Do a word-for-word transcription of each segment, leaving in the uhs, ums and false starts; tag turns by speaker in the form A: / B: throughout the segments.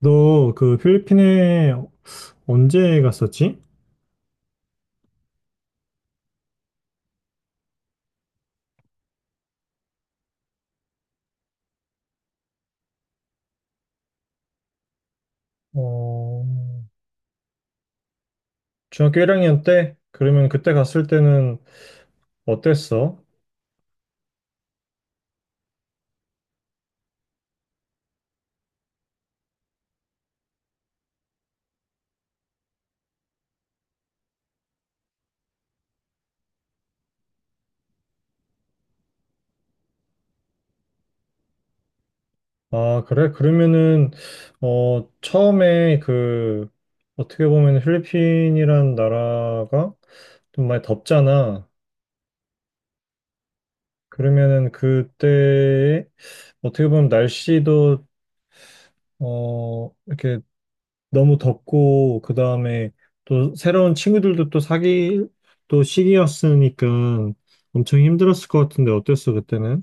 A: 너 그 필리핀에 언제 갔었지? 어, 중학교 일 학년 때? 그러면 그때 갔을 때는 어땠어? 아, 그래? 그러면은, 어, 처음에 그, 어떻게 보면 필리핀이란 나라가 좀 많이 덥잖아. 그러면은 그때, 어떻게 보면 날씨도, 어, 이렇게 너무 덥고 그 다음에 또 새로운 친구들도 또 사귈 또 시기였으니까 엄청 힘들었을 것 같은데 어땠어 그때는?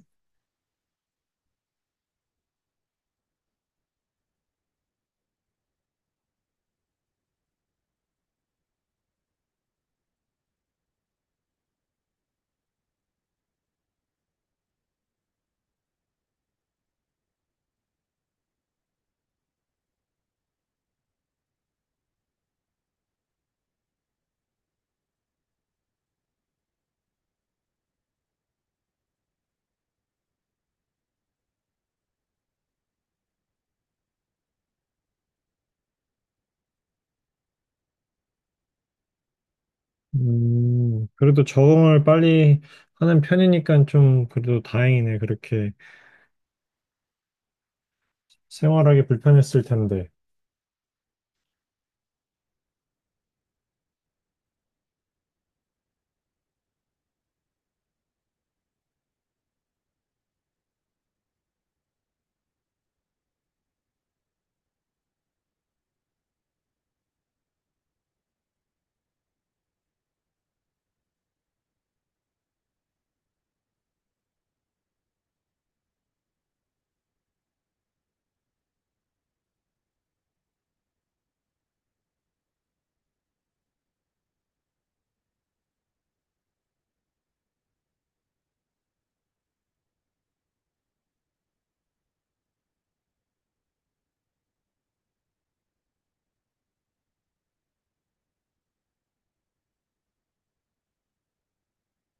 A: 음, 그래도 적응을 빨리 하는 편이니까 좀 그래도 다행이네. 그렇게 생활하기 불편했을 텐데.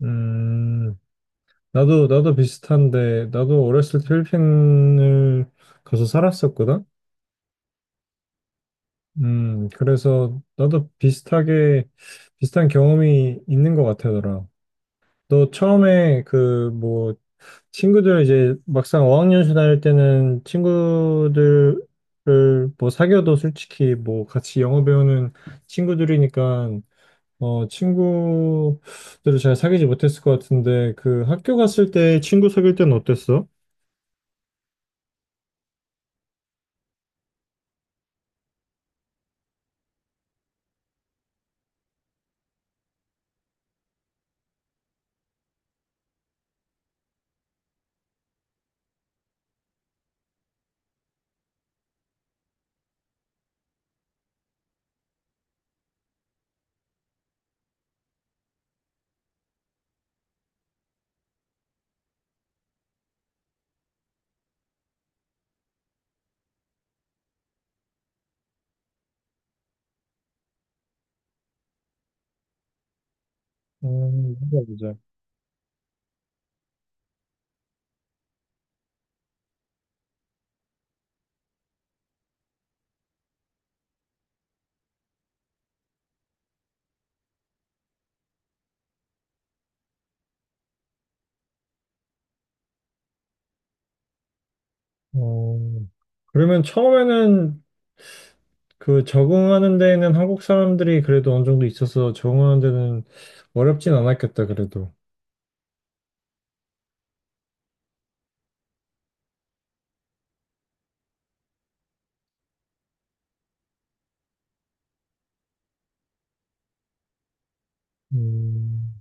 A: 음, 나도 나도 비슷한데 나도 어렸을 때 필리핀을 가서 살았었거든. 음, 그래서 나도 비슷하게 비슷한 경험이 있는 것 같더라. 너 처음에 그 뭐 친구들 이제 막상 어학연수 다닐 때는 친구들을 뭐 사귀어도 솔직히 뭐 같이 영어 배우는 친구들이니까 어 친구들을 잘 사귀지 못했을 것 같은데 그 학교 갔을 때 친구 사귈 때는 어땠어? 음, 보자 보자. 어, 그러면 처음에는 그 적응하는 데에는 한국 사람들이 그래도 어느 정도 있어서 적응하는 데는 어렵진 않았겠다 그래도. 음.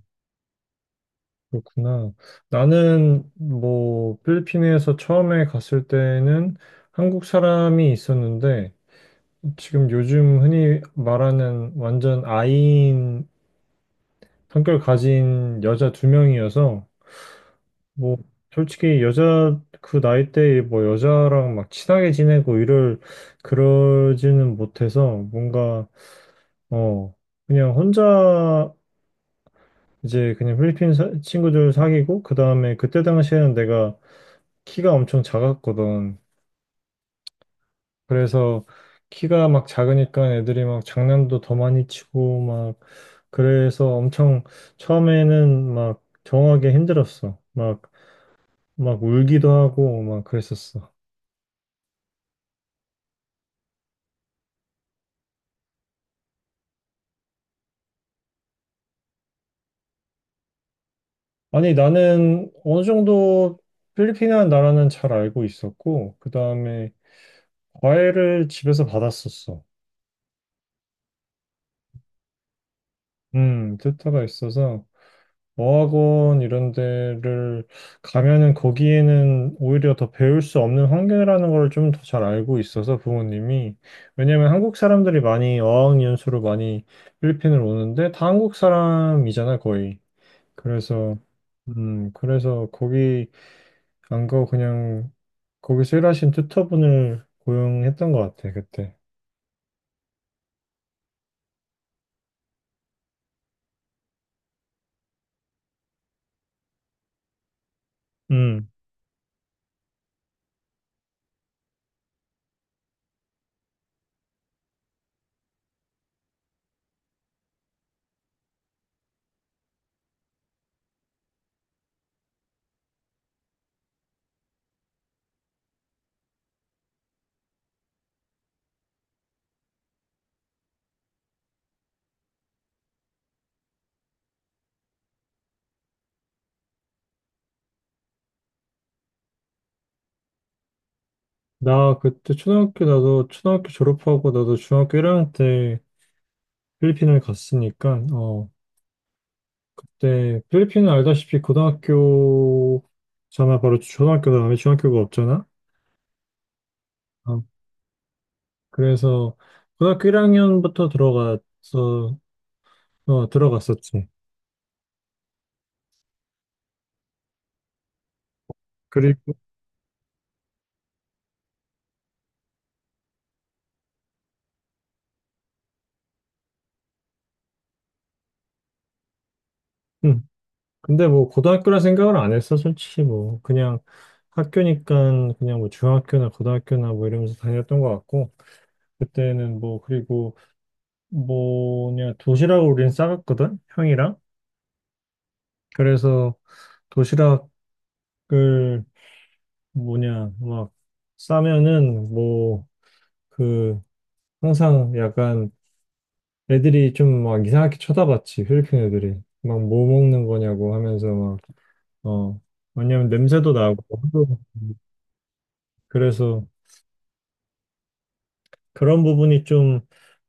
A: 그렇구나. 나는 뭐 필리핀에서 처음에 갔을 때는 한국 사람이 있었는데 지금 요즘 흔히 말하는 완전 아이인 성격 가진 여자 두 명이어서 뭐 솔직히 여자 그 나이 때에 뭐 여자랑 막 친하게 지내고 이럴 그러지는 못해서 뭔가 어 그냥 혼자 이제 그냥 필리핀 사- 친구들 사귀고 그 다음에 그때 당시에는 내가 키가 엄청 작았거든. 그래서 키가 막 작으니까 애들이 막 장난도 더 많이 치고 막 그래서 엄청 처음에는 막 정하기 힘들었어. 막 막 울기도 하고 막 그랬었어. 아니 나는 어느 정도 필리핀이라는 나라는 잘 알고 있었고 그다음에 과외를 집에서 받았었어. 음, 듣다가 있어서 어학원 이런 데를 가면은 거기에는 오히려 더 배울 수 없는 환경이라는 걸 좀 더 잘 알고 있어서 부모님이 왜냐면 한국 사람들이 많이 어학 연수로 많이 필리핀을 오는데 다 한국 사람이잖아 거의. 그래서 음 그래서 거기 안 가고 그냥 거기서 일하신 튜터분을 고용했던 것 같아 그때. 음, 나 그때 초등학교 나도 초등학교 졸업하고 나도 중학교 일 학년 때 필리핀을 갔으니까 어, 그때 필리핀은 알다시피 고등학교잖아 바로 초등학교 다음에 중학교가 없잖아. 어, 그래서 고등학교 일 학년부터 들어가서 어, 들어갔었지. 그리고 음, 근데 뭐 고등학교라 생각을 안 했어 솔직히 뭐 그냥 학교니까 그냥 뭐 중학교나 고등학교나 뭐 이러면서 다녔던 것 같고 그때는 뭐 그리고 뭐냐 도시락을 우린 싸갔거든 형이랑. 그래서 도시락을 뭐냐, 막, 싸면은, 뭐, 그, 항상 약간 애들이 좀 막 이상하게 쳐다봤지, 필리핀 애들이. 막 뭐 먹는 거냐고 하면서 막, 어, 왜냐면 냄새도 나고, 하도 그래서 그런 부분이 좀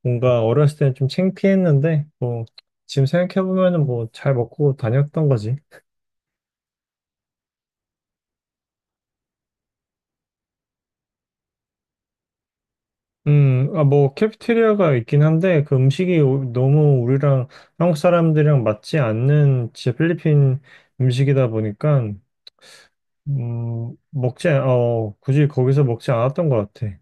A: 뭔가 어렸을 때는 좀 창피했는데, 뭐, 지금 생각해보면은 뭐 잘 먹고 다녔던 거지. 음, 아, 뭐, 캐피테리아가 있긴 한데, 그 음식이 오- 너무 우리랑 한국 사람들이랑 맞지 않는 진짜 필리핀 음식이다 보니까, 음, 먹지, 않- 어, 굳이 거기서 먹지 않았던 것 같아.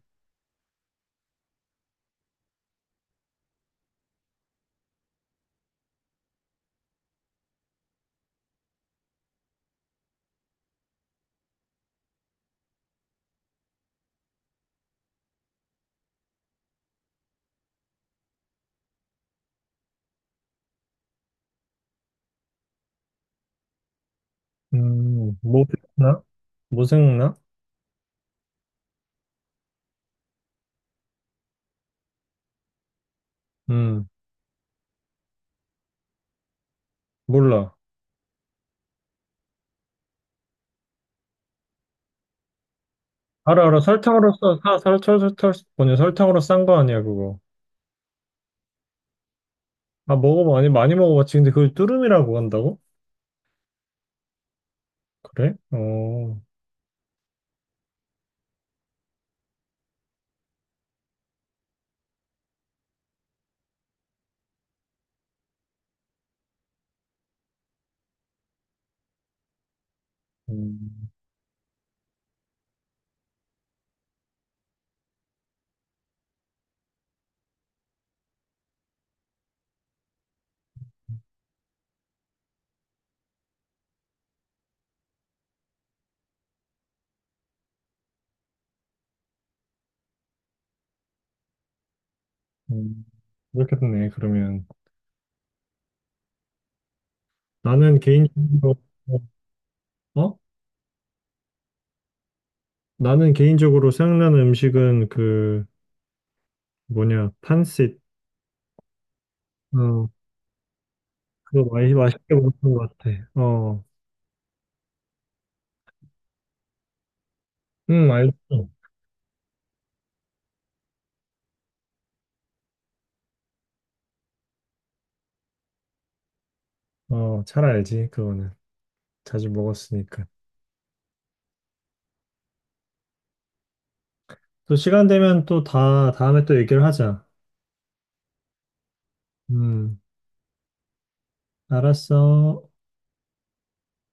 A: 음, 뭐 생각나? 뭐 생각나? 음, 몰라. 알아, 알아. 설탕으로 써, 사, 설탕, 설탕, 뭐냐, 설탕으로 싼 거 아니야, 그거. 아, 먹어봐. 아니, 많이 먹어봤지. 근데 그걸 뚜름이라고 한다고? 그래? 어, 음, 음. 그렇게 됐네, 그러면. 나는 개인적으로. 어? 나는 개인적으로 생각나는 음식은 그 뭐냐 판sit. 어 그거 많이 맛있게 먹었던 것 같아. 어응, 알지. 어잘 알지 그거는, 자주 먹었으니까. 또 시간 되면 또 다 다음에 또 얘기를 하자. 음 알았어.